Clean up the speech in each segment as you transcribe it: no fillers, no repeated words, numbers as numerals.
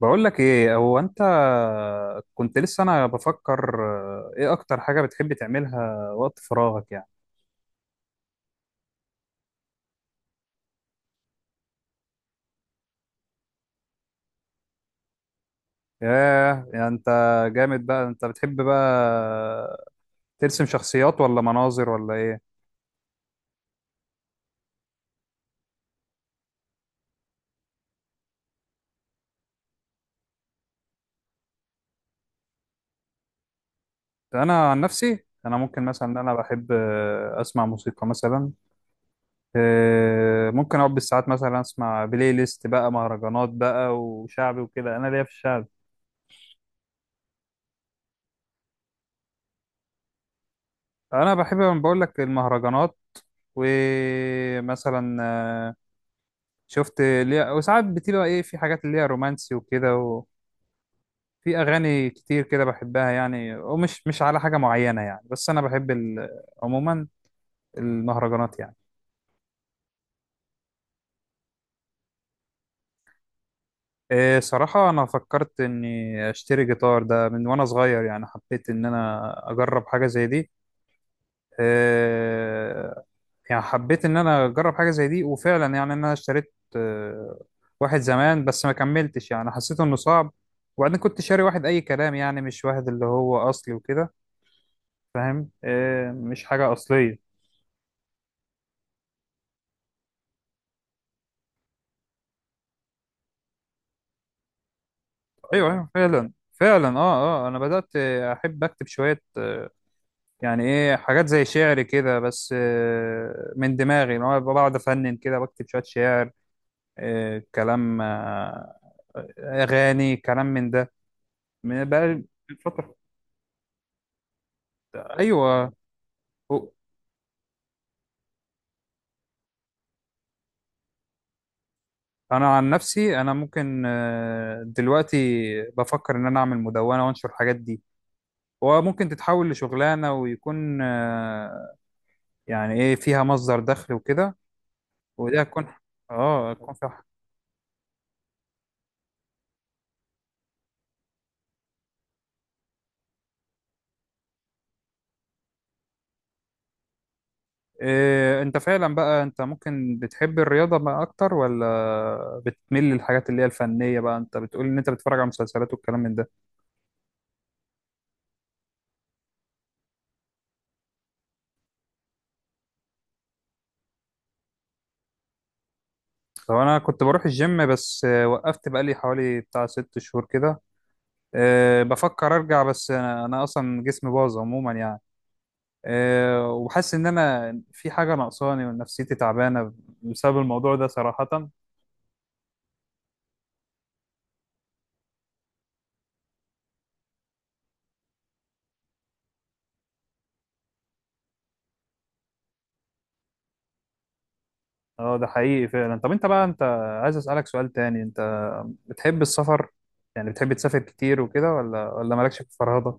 بقول لك ايه هو انت؟ كنت لسه انا بفكر، ايه اكتر حاجة بتحب تعملها وقت فراغك يعني؟ ياه، يعني انت جامد بقى. انت بتحب بقى ترسم شخصيات ولا مناظر ولا ايه؟ انا عن نفسي انا ممكن مثلا إن انا بحب، اسمع موسيقى مثلا. ممكن اقعد بالساعات مثلا اسمع بلاي ليست بقى، مهرجانات بقى وشعبي وكده، انا ليا في الشعب. انا بحب بقول لك المهرجانات، ومثلا شفت ليها، وساعات بتبقى ايه، في حاجات اللي هي رومانسي وكده، وفي اغاني كتير كده بحبها يعني، ومش مش على حاجه معينه يعني. بس انا بحب عموما المهرجانات يعني. إيه صراحه، انا فكرت اني اشتري جيتار ده من وانا صغير، يعني حبيت ان انا اجرب حاجه زي دي. إيه، يعني حبيت ان انا اجرب حاجه زي دي، وفعلا يعني انا اشتريت واحد زمان، بس ما كملتش يعني، حسيت انه صعب. وبعدين كنت شاري واحد اي كلام يعني، مش واحد اللي هو اصلي وكده، فاهم؟ إيه، مش حاجة أصلية. أيوه أيوه، فعلا فعلا، أه أه، أنا بدأت أحب أكتب شوية، يعني إيه حاجات زي شعر كده، بس من دماغي، إن هو بقعد أفنن كده بكتب شوية شعر. كلام، أغاني، كلام من ده بقى، من فترة. أيوه. و- أنا عن نفسي أنا ممكن، دلوقتي بفكر إن أنا أعمل مدونة وأنشر الحاجات دي، وممكن تتحول لشغلانة ويكون يعني ايه، فيها مصدر دخل وكده. ودي هتكون، اه هتكون صح. إيه، انت فعلا بقى، انت ممكن بتحب الرياضة بقى اكتر، ولا بتميل للحاجات اللي هي الفنية بقى؟ انت بتقول ان انت بتتفرج على مسلسلات والكلام من ده. طب انا كنت بروح الجيم، بس وقفت بقى لي حوالي بتاع 6 شهور كده. إيه، بفكر ارجع، بس أنا اصلا جسمي باظ عموما يعني. إيه، وحاسس ان انا في حاجة ناقصاني ونفسيتي تعبانة بسبب الموضوع ده صراحة. اه ده حقيقي فعلا. طب انت بقى، انت عايز اسالك سؤال تاني، انت بتحب السفر؟ يعني بتحب تسافر كتير وكده، ولا مالكش في الفرهده؟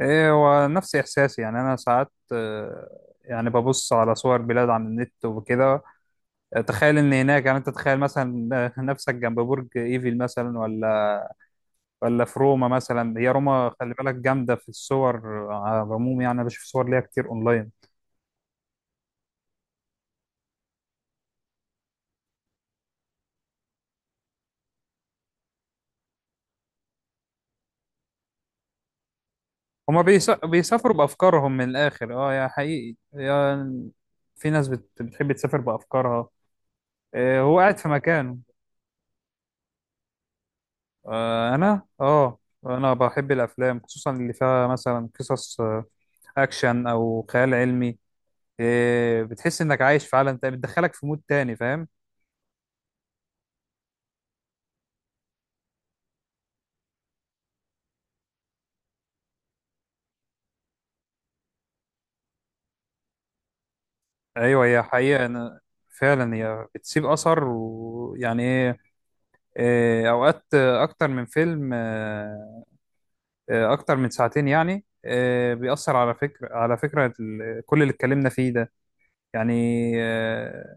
ايه، هو نفس احساسي. يعني انا ساعات يعني ببص على صور بلاد على النت وكده، تخيل ان هناك. يعني انت تخيل مثلا نفسك جنب برج ايفل مثلا، ولا ولا في روما مثلا. هي روما خلي بالك جامده في الصور. على العموم يعني، انا بشوف صور ليها كتير اونلاين. هما بيسافروا بأفكارهم من الآخر. اه، يا حقيقي، يا في ناس بتحب تسافر بأفكارها، هو قاعد في مكانه. أنا اه، أنا بحب الأفلام، خصوصا اللي فيها مثلا قصص أكشن أو خيال علمي. بتحس إنك عايش في عالم تاني، بتدخلك في مود تاني، فاهم. أيوه، هي حقيقة. أنا فعلا هي بتسيب أثر. ويعني إيه، أوقات أكتر من فيلم، اكتر من ساعتين يعني بيأثر على فكرة، على فكرة كل اللي اتكلمنا فيه ده. يعني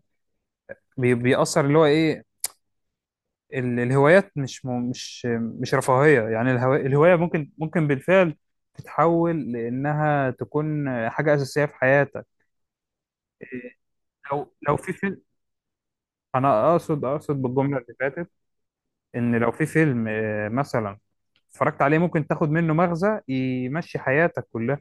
بيأثر اللي هو ايه، الهوايات مش م- مش مش رفاهية يعني. الهواية ممكن بالفعل تتحول لأنها تكون حاجة أساسية في حياتك. إيه، لو في فيلم، أنا أقصد بالجملة اللي فاتت، إن لو في فيلم مثلا اتفرجت عليه، ممكن تاخد منه مغزى يمشي حياتك كلها.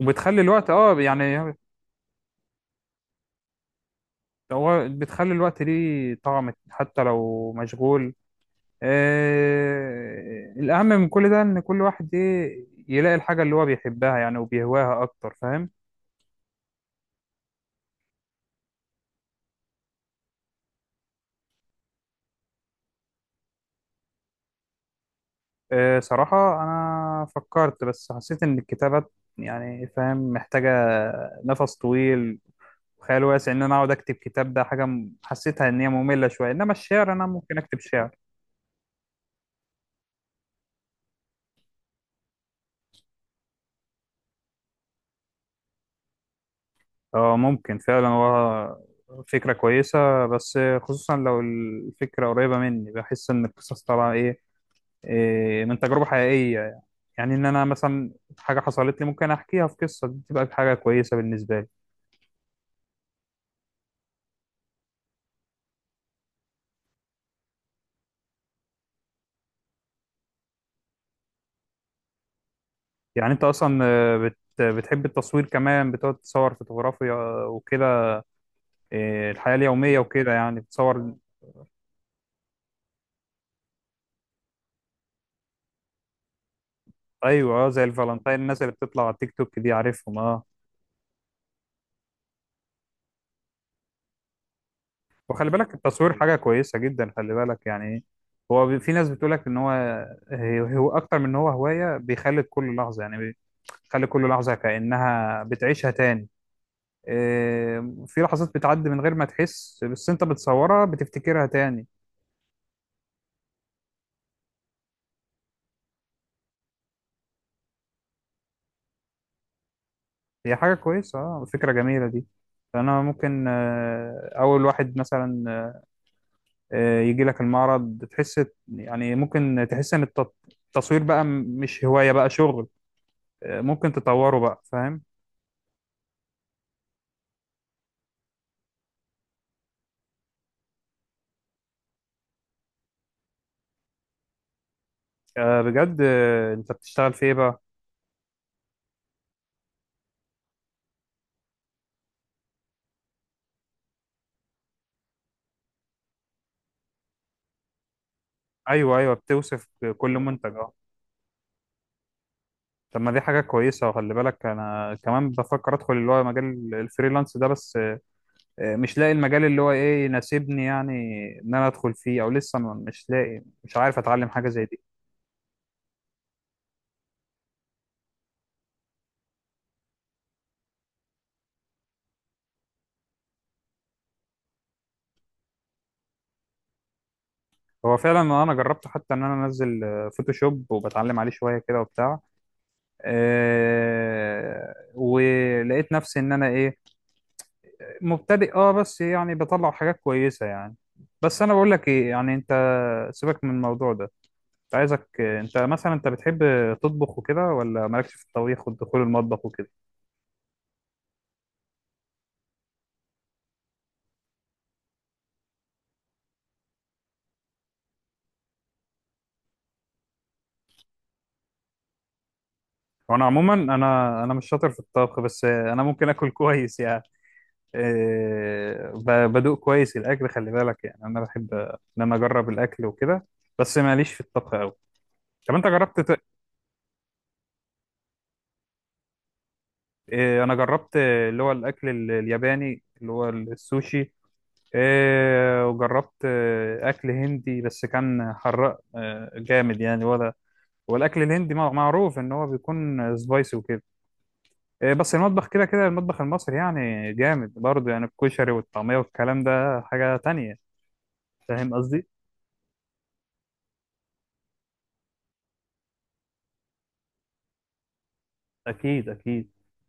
وبتخلي الوقت، اه يعني، هو بتخلي الوقت ليه طعم حتى لو مشغول. الأهم من كل ده إن كل واحد إيه يلاقي الحاجة اللي هو بيحبها يعني وبيهواها أكتر، فاهم. صراحة أنا فكرت، بس حسيت إن الكتابات يعني فاهم، محتاجة نفس طويل وخيال واسع، إن أنا أقعد أكتب كتاب. ده حاجة حسيتها إن هي مملة شوية، إنما الشعر أنا ممكن أكتب شعر. اه ممكن فعلا، هو فكرة كويسة، بس خصوصا لو الفكرة قريبة مني، بحس إن القصص طالعة إيه، من تجربة حقيقية يعني. يعني إن أنا مثلا حاجة حصلت لي ممكن أحكيها في قصة، دي تبقى حاجة كويسة بالنسبة لي. يعني أنت أصلا بتحب التصوير كمان، بتقعد تصور فوتوغرافيا وكده، إيه الحياة اليومية وكده يعني بتصور. أيوه زي الفالنتين، الناس اللي بتطلع على التيك توك دي، عارفهم، أه. وخلي بالك التصوير حاجة كويسة جدا، خلي بالك يعني إيه، هو في ناس بتقولك ان هو، هو اكتر من ان هو هواية. بيخلي كل لحظة يعني، بيخلي كل لحظة كأنها بتعيشها تاني. إيه، في لحظات بتعدي من غير ما تحس، بس انت بتصورها، بتفتكرها تاني. هي حاجة كويسة، اه، فكرة جميلة دي. فانا ممكن اول واحد مثلا يجي لك المعرض، تحس، يعني ممكن تحس ان التصوير بقى مش هواية بقى شغل. ممكن تطوره بقى، فاهم. بجد، انت بتشتغل في ايه بقى؟ ايوه ايوه، بتوصف كل منتج، اه. طب ما دي حاجه كويسه. وخلي بالك انا كمان بفكر ادخل اللي هو مجال الفريلانس ده، بس مش لاقي المجال اللي هو ايه يناسبني يعني، ان انا ادخل فيه. او لسه مش لاقي، مش عارف اتعلم حاجه زي دي. هو فعلا انا جربت، حتى ان انا انزل فوتوشوب وبتعلم عليه شويه كده وبتاع. ولقيت نفسي ان انا ايه، مبتدئ اه، بس يعني بطلع حاجات كويسه يعني. بس انا بقول لك ايه، يعني انت سيبك من الموضوع ده. كنت عايزك، انت مثلا انت بتحب تطبخ وكده، ولا مالكش في الطبيخ والدخول المطبخ وكده؟ وانا عموما انا مش شاطر في الطبخ، بس انا ممكن اكل كويس يعني. إيه، بدوق كويس الاكل، خلي بالك يعني، انا بحب ان انا اجرب الاكل وكده، بس ماليش في الطبخ قوي. طب انت جربت إيه، انا جربت اللي هو الاكل الياباني اللي هو السوشي. إيه، وجربت اكل هندي بس كان حراق جامد يعني، ولا والاكل الهندي معروف ان هو بيكون سبايسي وكده. إيه، بس المطبخ كده كده المطبخ المصري يعني جامد برضه يعني، الكشري والطعميه والكلام ده حاجه تانية، فاهم قصدي؟ اكيد اكيد.